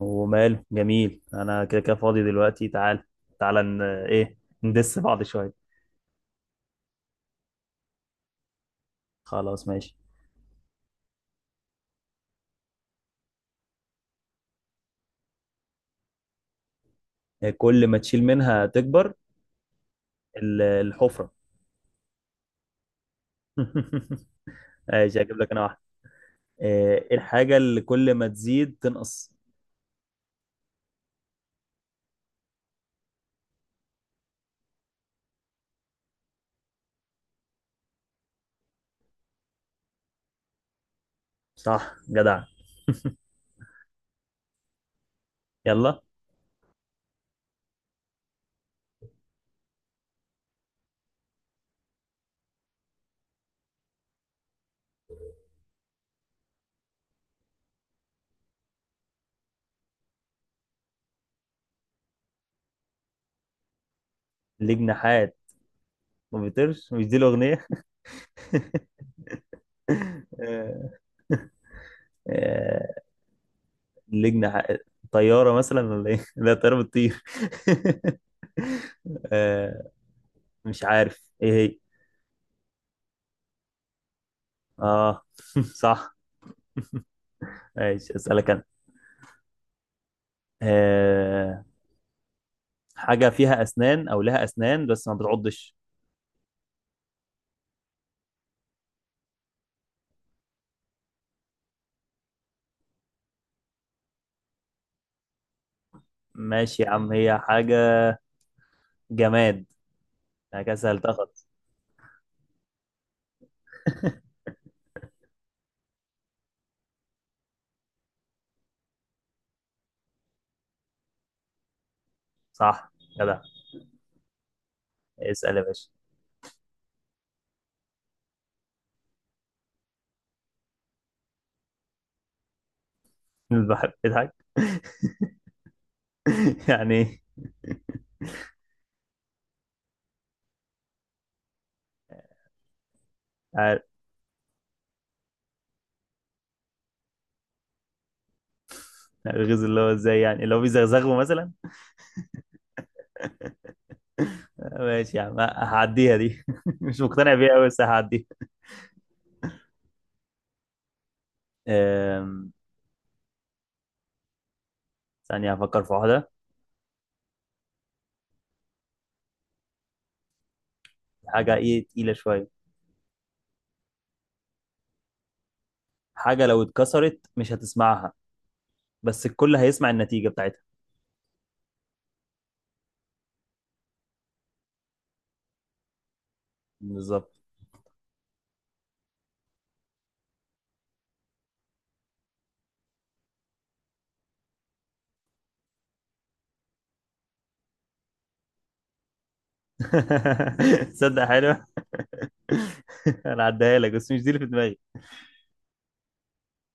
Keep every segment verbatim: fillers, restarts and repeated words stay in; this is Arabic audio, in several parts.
وماله، جميل. انا كده كده فاضي دلوقتي. تعال تعال، ن... ايه ندس بعض شويه. خلاص ماشي. آه، كل ما تشيل منها تكبر، ال- الحفره. ماشي، هجيب لك انا واحده. آه، ايه الحاجه اللي كل ما تزيد تنقص؟ صح جدع. يلا. ليه جناحات ما بيطيرش؟ مش دي الاغنيه؟ آه، آه، ليه جناحات. طياره مثلا ولا ايه؟ لا، طياره بتطير. آه، مش عارف ايه هي. اه. صح. ماشي، اسالك انا. أه... حاجه فيها اسنان او لها اسنان بس ما بتعضش؟ ماشي يا عم، هي حاجه جماد. انا كده سهلتها خالص. صح جدع، اسال يا باشا. البحر بيضحك؟ يعني ايه؟ عارف. الغيظ اللي هو ازاي؟ يعني اللي هو بيزغزغه مثلا؟ ماشي يا عم، هعديها دي، مش مقتنع بيها قوي بس هعديها. أم، ثانية هفكر في واحدة. حاجة ايه تقيلة شوية. حاجة لو اتكسرت مش هتسمعها، بس الكل هيسمع النتيجة بتاعتها. بالظبط. تصدق حلو. انا عديها لك بس مش دي اللي في دماغي.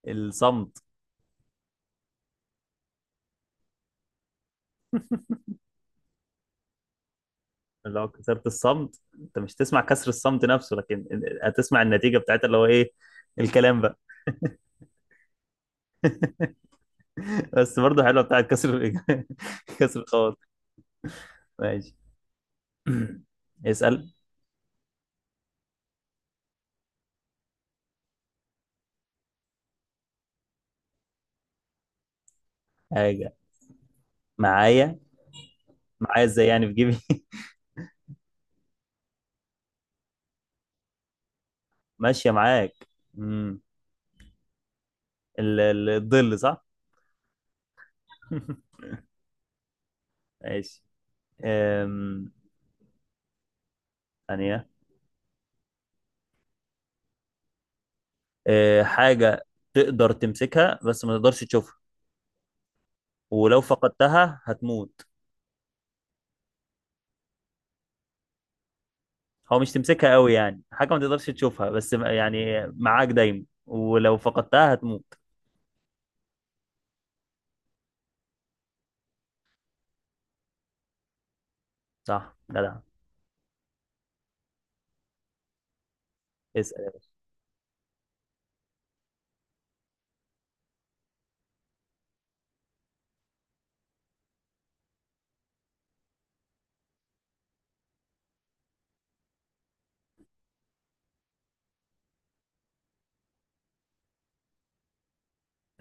الصمت. لو كسرت الصمت انت مش تسمع كسر الصمت نفسه، لكن هتسمع النتيجه بتاعتها اللي هو ايه؟ الكلام بقى. بس برضه حلوه بتاعت كسر، كسر الخواطر. ماشي. اسال. حاجه معايا. معايا ازاي يعني، في جيبي؟ ماشيه معاك. امم ال- ال- الظل. صح. ماشي. أم... ثانيه. آه، حاجة تقدر تمسكها بس ما تقدرش تشوفها ولو فقدتها هتموت. هو مش تمسكها قوي يعني، حاجة ما تقدرش تشوفها بس م- يعني معاك دايما ولو فقدتها هتموت. صح جدع. اسأل.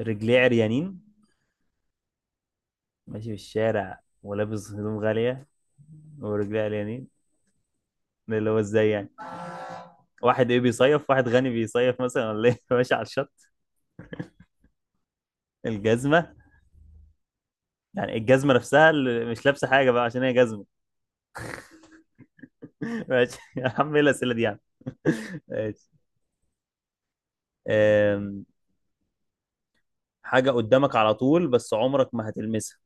رجليه عريانين؟ ماشي في الشارع ولابس هدوم غالية ورجليه عريانين. ده اللي هو ازاي يعني؟ واحد ايه بيصيف، واحد غني بيصيف مثلا ولا ايه؟ ماشي على الشط. الجزمة. يعني الجزمة نفسها اللي مش لابسة حاجة بقى عشان هي جزمة. ماشي يا عم، ايه الأسئلة دي يعني. آم، حاجة قدامك على طول بس عمرك ما هتلمسها،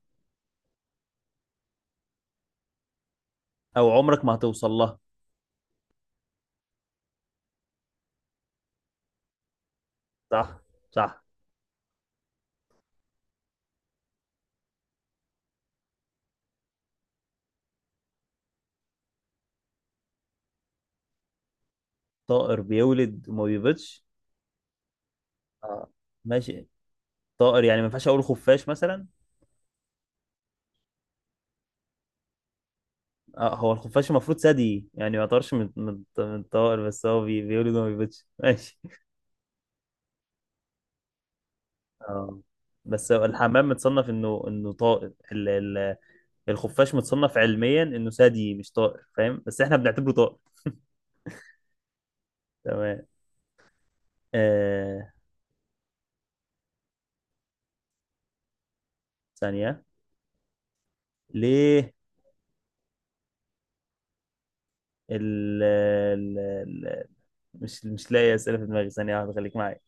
أو عمرك ما هتوصل لها. صح. صح. طائر بيولد وما بيبيضش. آه. ماشي. طائر يعني ما ينفعش أقول خفاش مثلا؟ آه، هو الخفاش المفروض ثدي، يعني ما يعتبرش من من من الطائر، بس هو بي... بيولد وما بيبيضش. ماشي. آه. بس هو الحمام متصنف إنه إنه طائر ال... ال... الخفاش متصنف علميا إنه ثدي مش طائر، فاهم؟ بس إحنا بنعتبره طائر. تمام. آه... ثانية. ليه ال ال ال مش مش لاقي اسئله في دماغي. ثانيه واحده خليك معايا.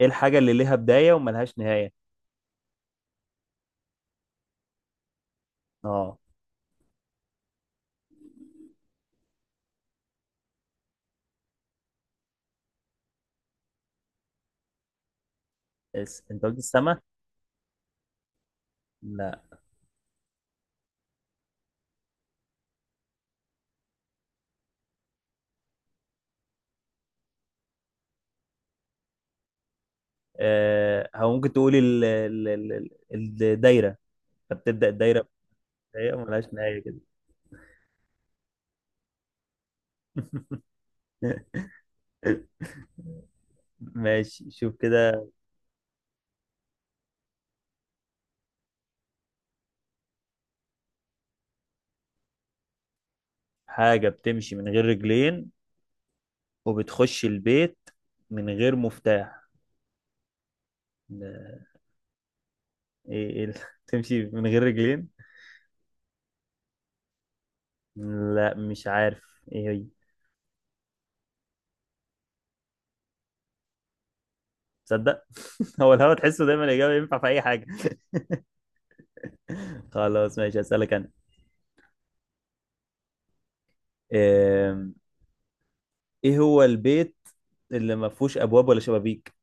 ايه الحاجه اللي ليها بدايه وملهاش نهايه؟ اه. اس- انت قلت السما؟ لا. آه، هو ممكن تقول ال ال ال ال- الدايره. فبتبدا الدايره، بدايه وملهاش نهايه كده. ماشي، شوف كده. حاجه بتمشي من غير رجلين، وبتخش البيت من غير مفتاح. لا، ايه ايه ال- تمشي من غير رجلين؟ لا، مش عارف ايه هي. تصدق؟ هو الهوا، تحسه دايما الاجابه ينفع في اي حاجه. خلاص ماشي، هسألك انا. آم، ايه هو البيت اللي ما فيهوش ابواب ولا شبابيك؟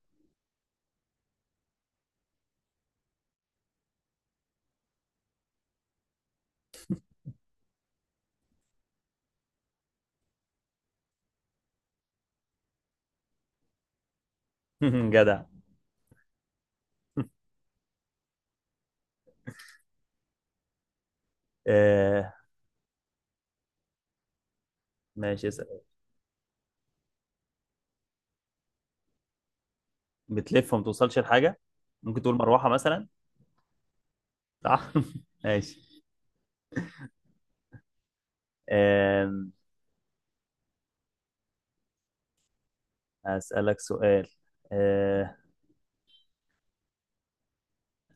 جدع. آه، ماشي، اسأل. بتلف وما توصلش لحاجه. ممكن تقول مروحه مثلا. صح. ماشي. آم، هسألك سؤال. آه،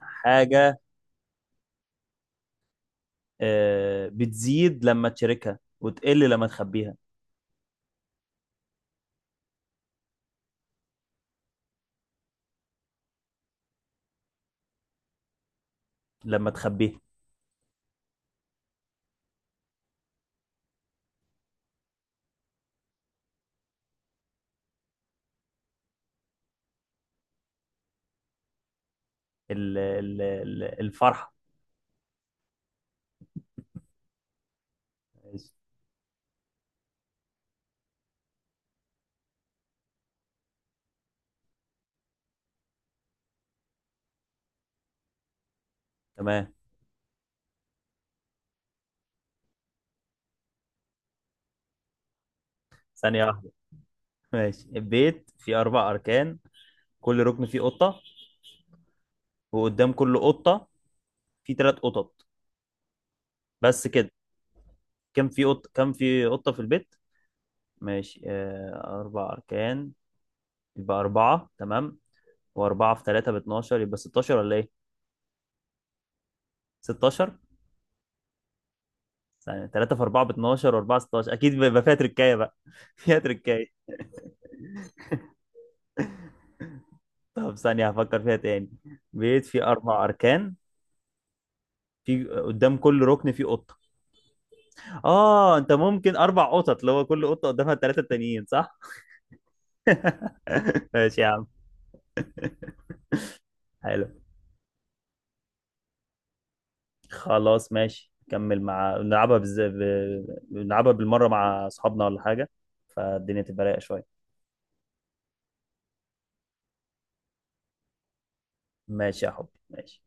حاجه آه، بتزيد لما تشاركها وتقل لما تخبيها. لما تخبيها. ال- ال- ال- الفرحه. ماشي. تمام. ثانيه واحدة. ماشي، البيت فيه أربع أركان، كل ركن فيه قطة، وقدام كل قطة فيه تلات قطط، بس كده. كم في قط كم في قطة في البيت؟ ماشي. آه، أربع أركان يبقى أربعة، تمام. وأربعة في تلاتة باتناشر، يبقى ستاشر ولا إيه؟ ستاشر؟ ثانية، تلاتة في أربعة باتناشر، وأربعة ستاشر أكيد. بيبقى فيها تركاية بقى، فيها تركاية. طب ثانية هفكر فيها تاني. بيت فيه أربع أركان. في قدام كل ركن فيه قطة. آه، أنت ممكن أربع قطط اللي هو كل قطة قدامها التلاتة التانيين، صح؟ ماشي يا عم. حلو. خلاص ماشي. نكمل مع نلعبها بالز... ب... نلعبها بالمرة مع أصحابنا ولا حاجة. فالدنيا تبقى رايقة شوية. ماشي يا حبي، ماشي.